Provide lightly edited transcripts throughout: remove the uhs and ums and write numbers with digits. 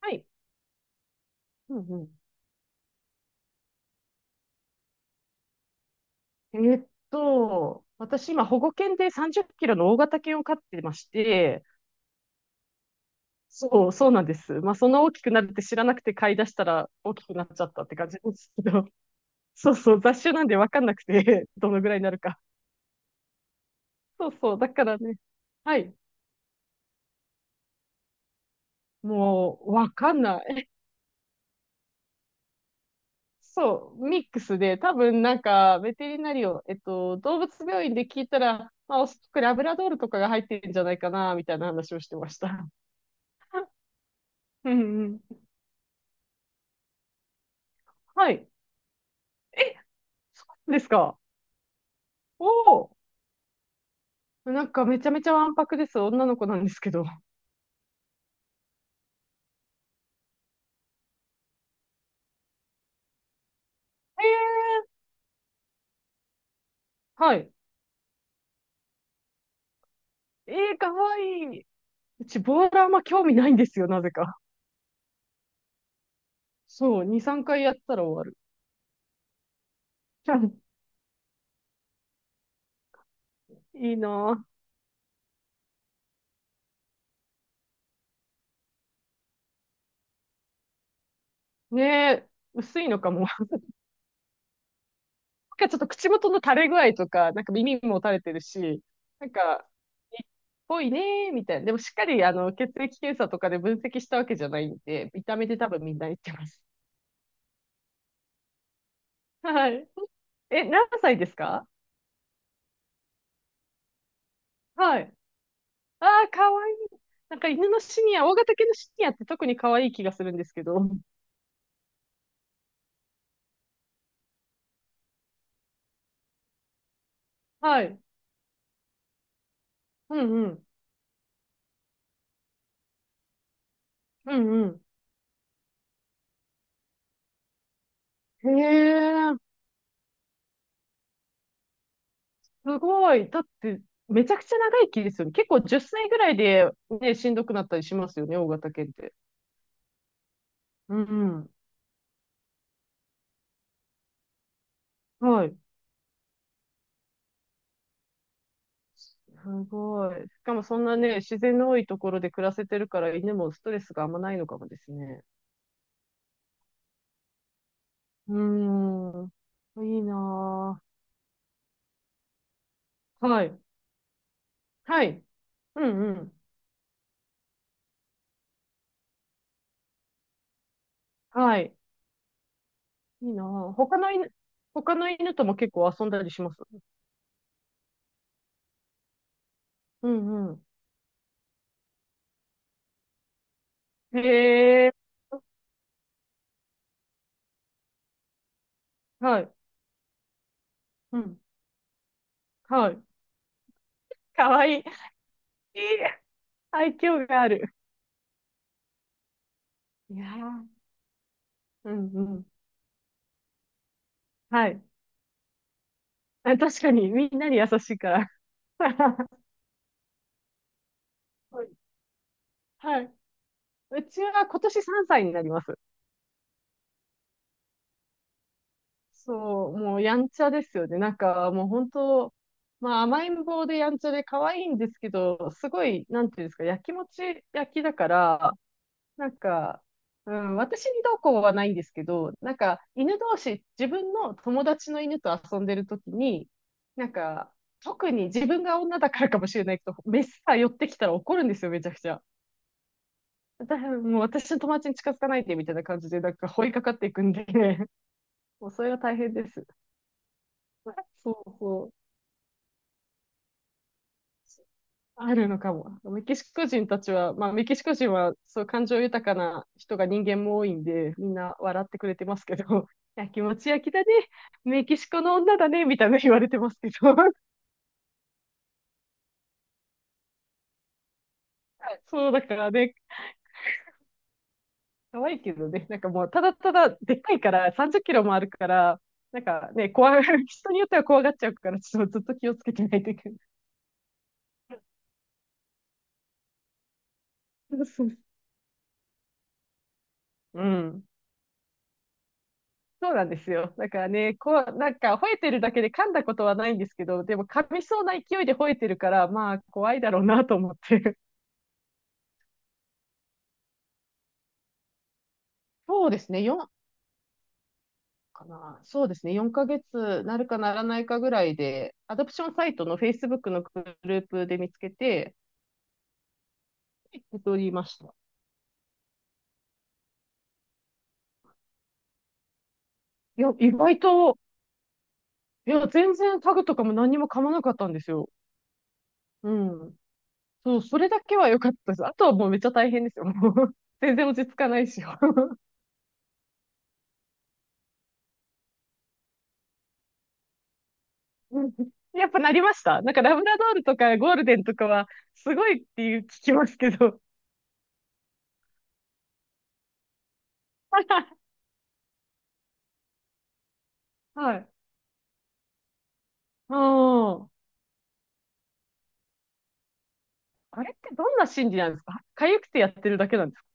はい。うんうん。私今保護犬で30キロの大型犬を飼ってまして、そう、そうなんです。まあそんな大きくなるって知らなくて飼い出したら大きくなっちゃったって感じですけど、そうそう、雑種なんでわかんなくて、どのぐらいになるか。そうそう、だからね、はい、もうわかんない。そう、ミックスで、多分なんか、ベテリナリオ、動物病院で聞いたら、まあ、おそらくラブラドールとかが入ってるんじゃないかな、みたいな話をしてました。うんうん。はい。え、そうなんですか。おお。なんかめちゃめちゃわんぱくです。女の子なんですけど。えー、はい。えー、かわいい。うち、ボーラーあんま興味ないんですよ、なぜか。そう、2、3回やったら終わる。いいなぁ。ねえ、薄いのかも。なんかちょっと口元の垂れ具合とか、なんか耳も垂れてるし、なんか、いっぽいねーみたいな。でもしっかり、血液検査とかで分析したわけじゃないんで、見た目で多分みんな言ってます。はい。え、何歳ですか？はい。ああ、かわいい。なんか犬のシニア、大型犬のシニアって特に可愛い気がするんですけど。はい。うんうん。うんうん。へえ、すごい。だって、めちゃくちゃ長生きですよね。結構10歳ぐらいで、ね、しんどくなったりしますよね、大型犬って。うんうん。はい。すごい。しかもそんなね、自然の多いところで暮らせてるから、犬もストレスがあんまないのかもですね。うーん。いいなぁ。はい。はい。うんうん。はい。いいなぁ。他の犬とも結構遊んだりします。うんうん。へえ、はい。うん。はい。かわいい。いい。愛嬌がある。いやー。うんうん。はい。あ、確かに、みんなに優しいから。はい。はい。うちは今年3歳になります。そう、もうやんちゃですよね。なんかもう本当、まあ甘えん坊でやんちゃで可愛いんですけど、すごい、なんていうんですか、やきもち焼きだから、なんか、うん、私にどうこうはないんですけど、なんか、犬同士、自分の友達の犬と遊んでるときに、なんか、特に自分が女だからかもしれないけど、メスが寄ってきたら怒るんですよ、めちゃくちゃ。だからもう私の友達に近づかないで、みたいな感じで、なんか、追いかかっていくんで、もうそれは大変です。そうそう。あるのかも。メキシコ人は、そう、感情豊かな人が人間も多いんで、みんな笑ってくれてますけど、焼きもち焼きだね、メキシコの女だね、みたいな言われてますけど、そう、だからね、可愛いけどね、なんかもう、ただただ、でっかいから、30キロもあるから、なんかね、人によっては怖がっちゃうから、ちょっとずっと気をつけてないといけない。そうそう。うん。そうなんですよ。だからね、こう、なんか吠えてるだけで噛んだことはないんですけど、でも噛みそうな勢いで吠えてるから、まあ怖いだろうなと思って。そうですね、4かな。そうですね、4ヶ月なるかならないかぐらいで、アドプションサイトの Facebook のグループで見つけて、受け取りました。いや、意外と、いや、全然タグとかも何にも噛まなかったんですよ。うん。そう、それだけは良かったです。あとはもうめっちゃ大変ですよ。もう 全然落ち着かないしよ。うん。やっぱなりました。なんかラブラドールとかゴールデンとかはすごいっていう聞きますけど。はい。うん。あれってどんな心理なんですか？痒くてやってるだけなんですか？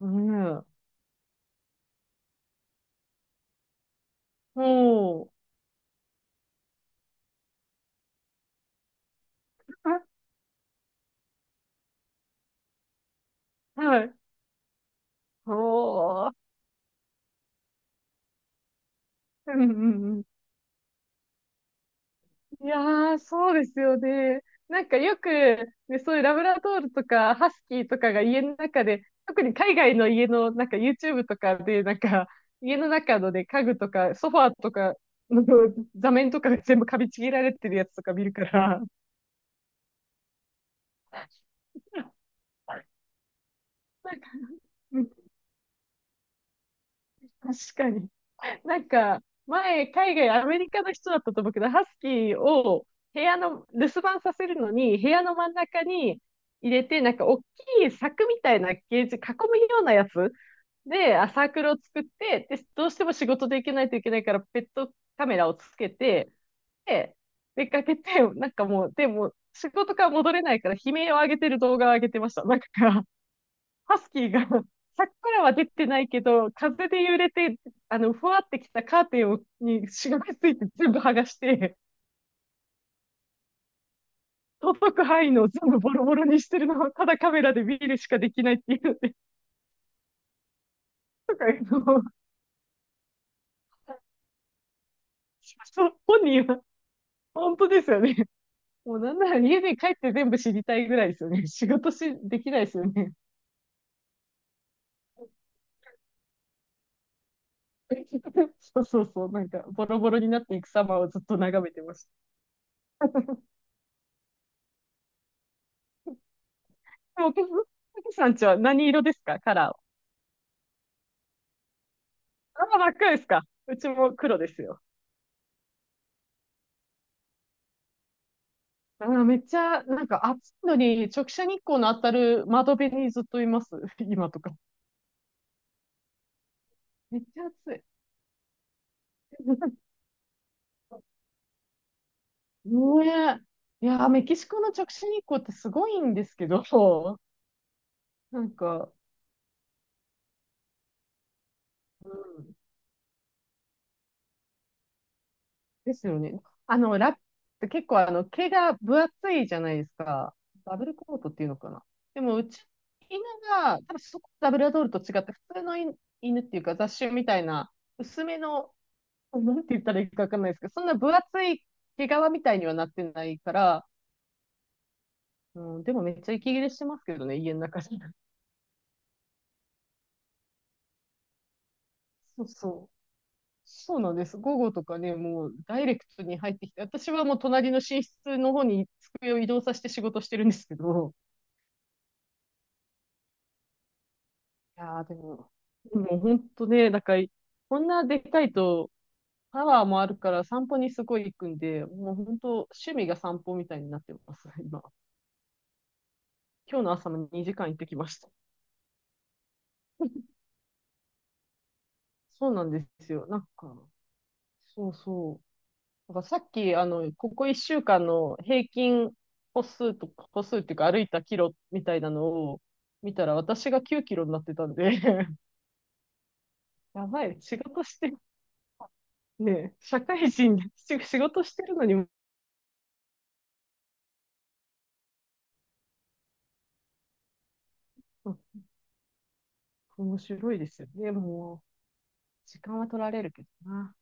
うん。おー。はい。おー。うんうん。いやー、そうですよね。なんかよく、ね、そういうラブラドールとかハスキーとかが家の中で、特に海外の家の、なんか YouTube とかで、なんか家の中のね、家具とかソファーとかの 座面とかが全部噛みちぎられてるやつとか見るから、なんか、うん。確かに。なんか、前、海外、アメリカの人だったと思うけど、ハスキーを部屋の、留守番させるのに、部屋の真ん中に入れて、なんか、大きい柵みたいなケージ、囲むようなやつで、サークルを作って、で、どうしても仕事で行けないといけないから、ペットカメラをつけて、で、出かけて、なんかもう、でも、仕事から戻れないから、悲鳴を上げてる動画を上げてました。なんかハスキーが 柵からは出てないけど、風で揺れて、ふわってきたカーテンをにしがみついて全部剥がして、届く範囲のを全部ボロボロにしてるのを、ただカメラで見るしかできないっていうので、とかいうのを、そう本人は、本当ですよね。もうなんなら家に帰って全部知りたいぐらいですよね。仕事し、できないですよね。そうそうそう、なんか、ボロボロになっていく様をずっと眺めてました。でも、お客さんちは何色ですか？カラーは。あー、真っ赤ですか。うちも黒ですよ。あー、めっちゃ、なんか暑いのに、直射日光の当たる窓辺にずっといます。今とか。めっちゃ暑い。ねえ。いやー、メキシコの直射日光ってすごいんですけど、なんか、うん、ですよね。ラップって結構毛が分厚いじゃないですか。ダブルコートっていうのかな。でも、うち、犬が、多分そこ、ダブルアドールと違って、普通の犬っていうか、雑種みたいな、薄めの、なんて言ったらいいかわかんないですけど、そんな分厚い毛皮みたいにはなってないから、うん、でもめっちゃ息切れしてますけどね、家の中で。そうそう。そうなんです。午後とかね、もうダイレクトに入ってきて、私はもう隣の寝室の方に机を移動させて仕事してるんですけど、いやーでも、もう本当ね、なんか、こんなでかいと、パワーもあるから散歩にすごい行くんで、もう本当趣味が散歩みたいになってます、今。今日の朝も2時間行ってきました。そうなんですよ。なんか、そうそう。だからさっき、ここ1週間の平均歩数とか、歩数っていうか歩いたキロみたいなのを見たら、私が9キロになってたんで、やばい、仕事してる、ねえ、社会人でし仕事してるのに、うん。面白いですよね。もう、時間は取られるけどな。